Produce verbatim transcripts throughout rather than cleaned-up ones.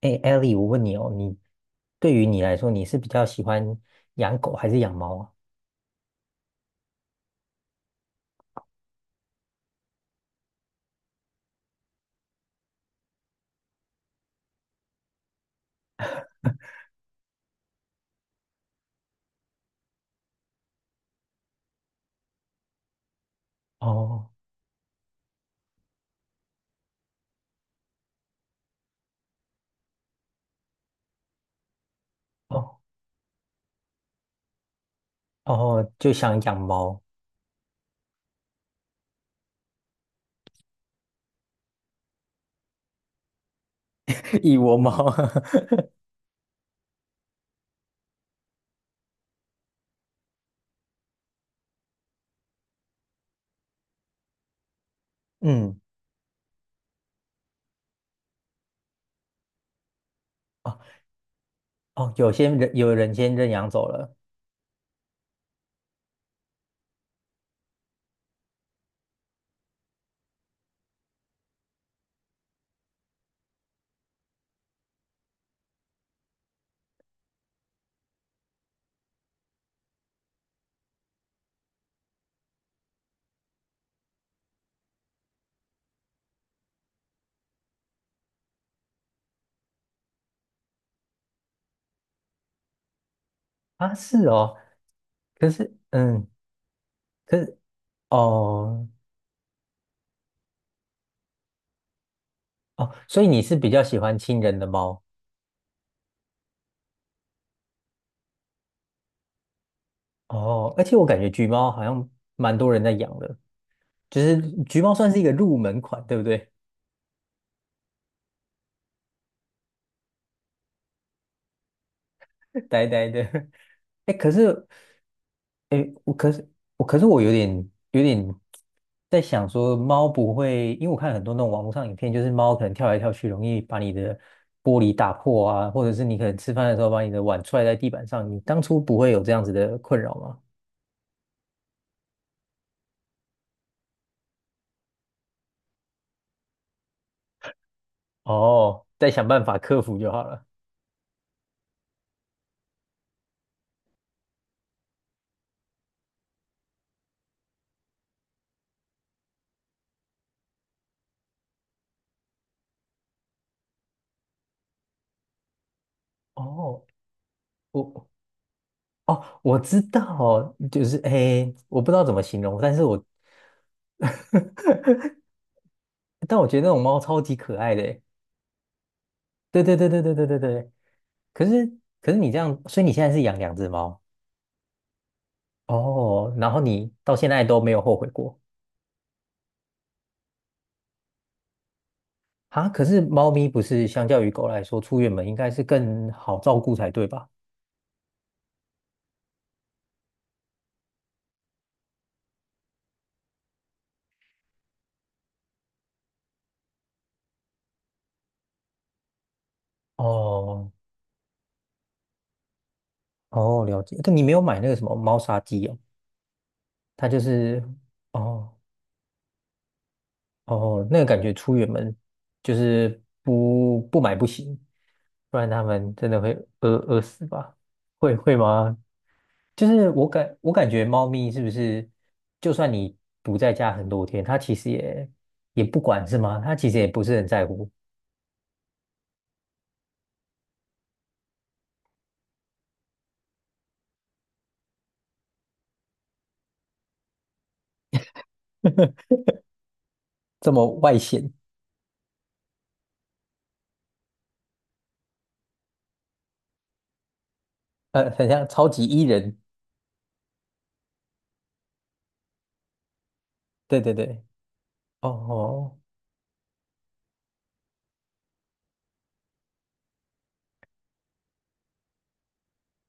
哎 e l 我问你哦，你对于你来说，你是比较喜欢养狗还是养猫啊？哦哦哦，就想养猫。一窝猫。嗯。哦哦，有些人有人先认养走了。啊，是哦。可是，嗯，可是哦哦，所以你是比较喜欢亲人的猫。哦，而且我感觉橘猫好像蛮多人在养的，就是橘猫算是一个入门款，对不对？呆呆的。哎，可是诶，我可是我可是我有点有点在想说，猫不会，因为我看很多那种网络上影片，就是猫可能跳来跳去，容易把你的玻璃打破啊，或者是你可能吃饭的时候把你的碗踹在地板上，你当初不会有这样子的困扰吗？哦，再想办法克服就好了。哦，我哦，我知道，就是诶，我不知道怎么形容，但是我 但我觉得那种猫超级可爱的诶。对对对对对对对对。可是可是你这样，所以你现在是养两只猫？哦，然后你到现在都没有后悔过啊？可是猫咪不是相较于狗来说，出远门应该是更好照顾才对吧？哦哦，了解。但你没有买那个什么猫砂机哦，它就是哦哦，那个感觉出远门就是不不买不行。不然他们真的会饿饿死吧？会会吗？就是我感我感觉猫咪是不是，就算你不在家很多天，它其实也也不管是吗？它其实也不是很在乎。这么外显，呃，很像超级 E 人。对对对。哦哦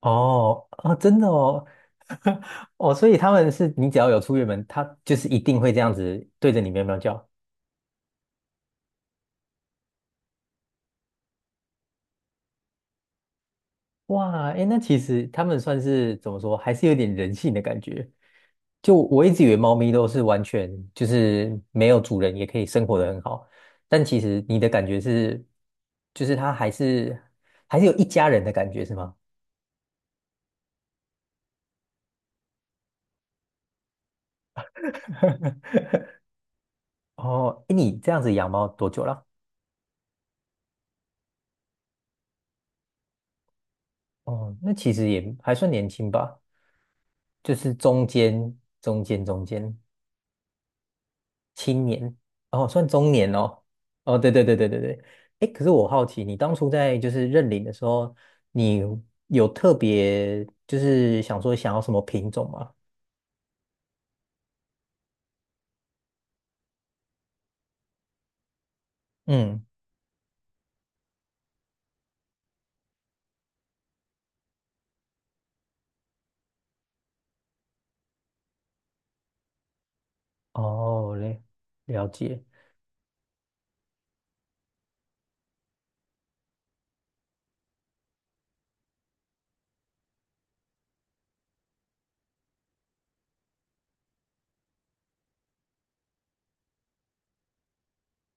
哦。啊真的哦。哦，所以他们是你只要有出远门，它就是一定会这样子对着你喵喵叫。哇，哎，那其实他们算是怎么说，还是有点人性的感觉。就我一直以为猫咪都是完全就是没有主人也可以生活得很好，但其实你的感觉是，就是它还是还是有一家人的感觉，是吗？哦，哎，你这样子养猫多久了？哦，那其实也还算年轻吧，就是中间中间中间。青年哦，算中年哦。哦，对对对对对对。哎，可是我好奇，你当初在就是认领的时候，你有特别就是想说想要什么品种吗？嗯。哦嘞，了解。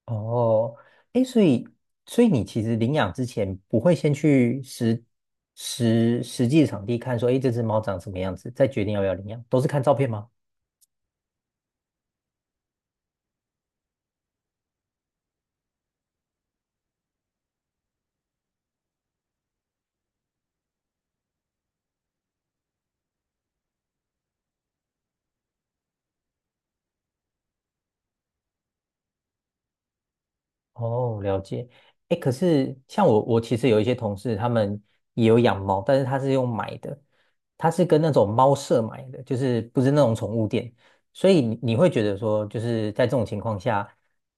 哦，哎，所以所以你其实领养之前不会先去实实实际场地看说，哎，这只猫长什么样子，再决定要不要领养，都是看照片吗？哦，了解。哎，可是像我，我其实有一些同事，他们也有养猫，但是他是用买的，他是跟那种猫舍买的，就是不是那种宠物店。所以你你会觉得说，就是在这种情况下，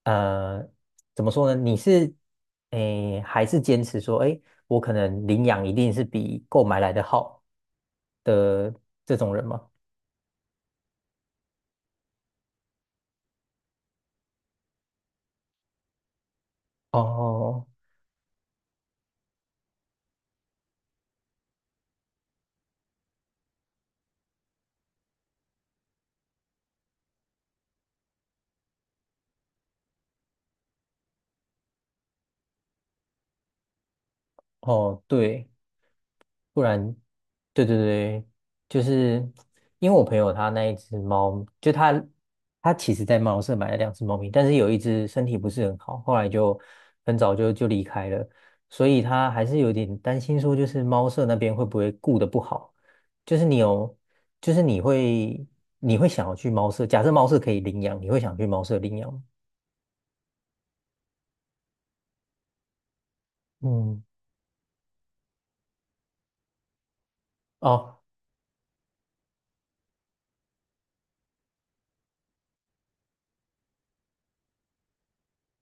呃，怎么说呢？你是诶，还是坚持说，哎，我可能领养一定是比购买来的好的这种人吗？哦哦，对。不然，对对对，就是因为我朋友他那一只猫，就他他其实在猫舍买了两只猫咪，但是有一只身体不是很好，后来就很早就就离开了，所以他还是有点担心说，就是猫舍那边会不会顾得不好，就是你有，就是你会你会想要去猫舍，假设猫舍可以领养，你会想去猫舍领养吗？嗯。哦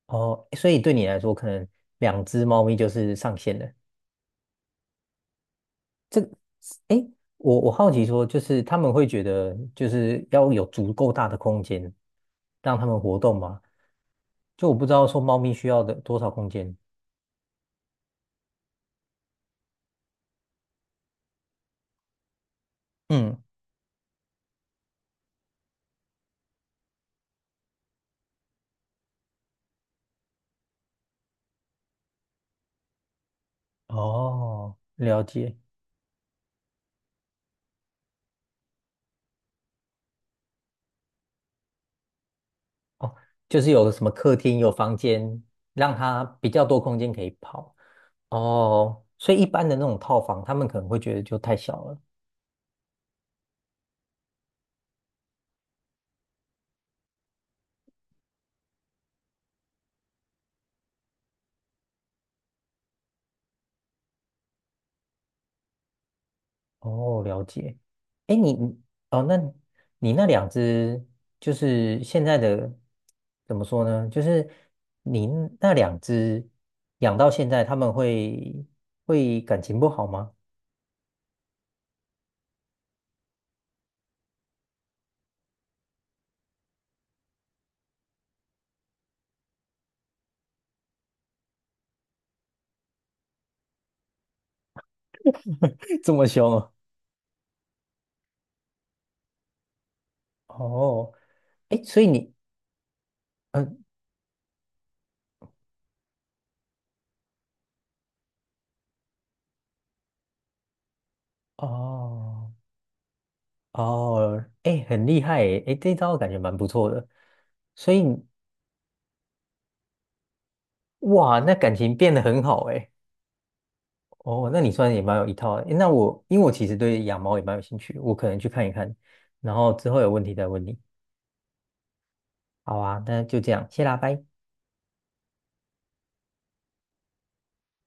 哦，所以对你来说，可能两只猫咪就是上限了。这个，哎，我我好奇说，就是他们会觉得就是要有足够大的空间让他们活动吗？就我不知道说猫咪需要的多少空间。嗯。哦，了解。哦，就是有个什么客厅，有房间，让它比较多空间可以跑。哦，所以一般的那种套房，他们可能会觉得就太小了。哦，了解。哎，你哦，那你那两只就是现在的怎么说呢？就是你那两只养到现在，他们会会感情不好吗？这么凶哦？哦，哎，所以你嗯、呃哦哦，哎，很厉害哎，哎，这招感觉蛮不错的。所以哇，那感情变得很好哎。哦，那你算也蛮有一套的。诶那我因为我其实对养猫也蛮有兴趣，我可能去看一看，然后之后有问题再问你。好啊，那就这样，谢啦，拜。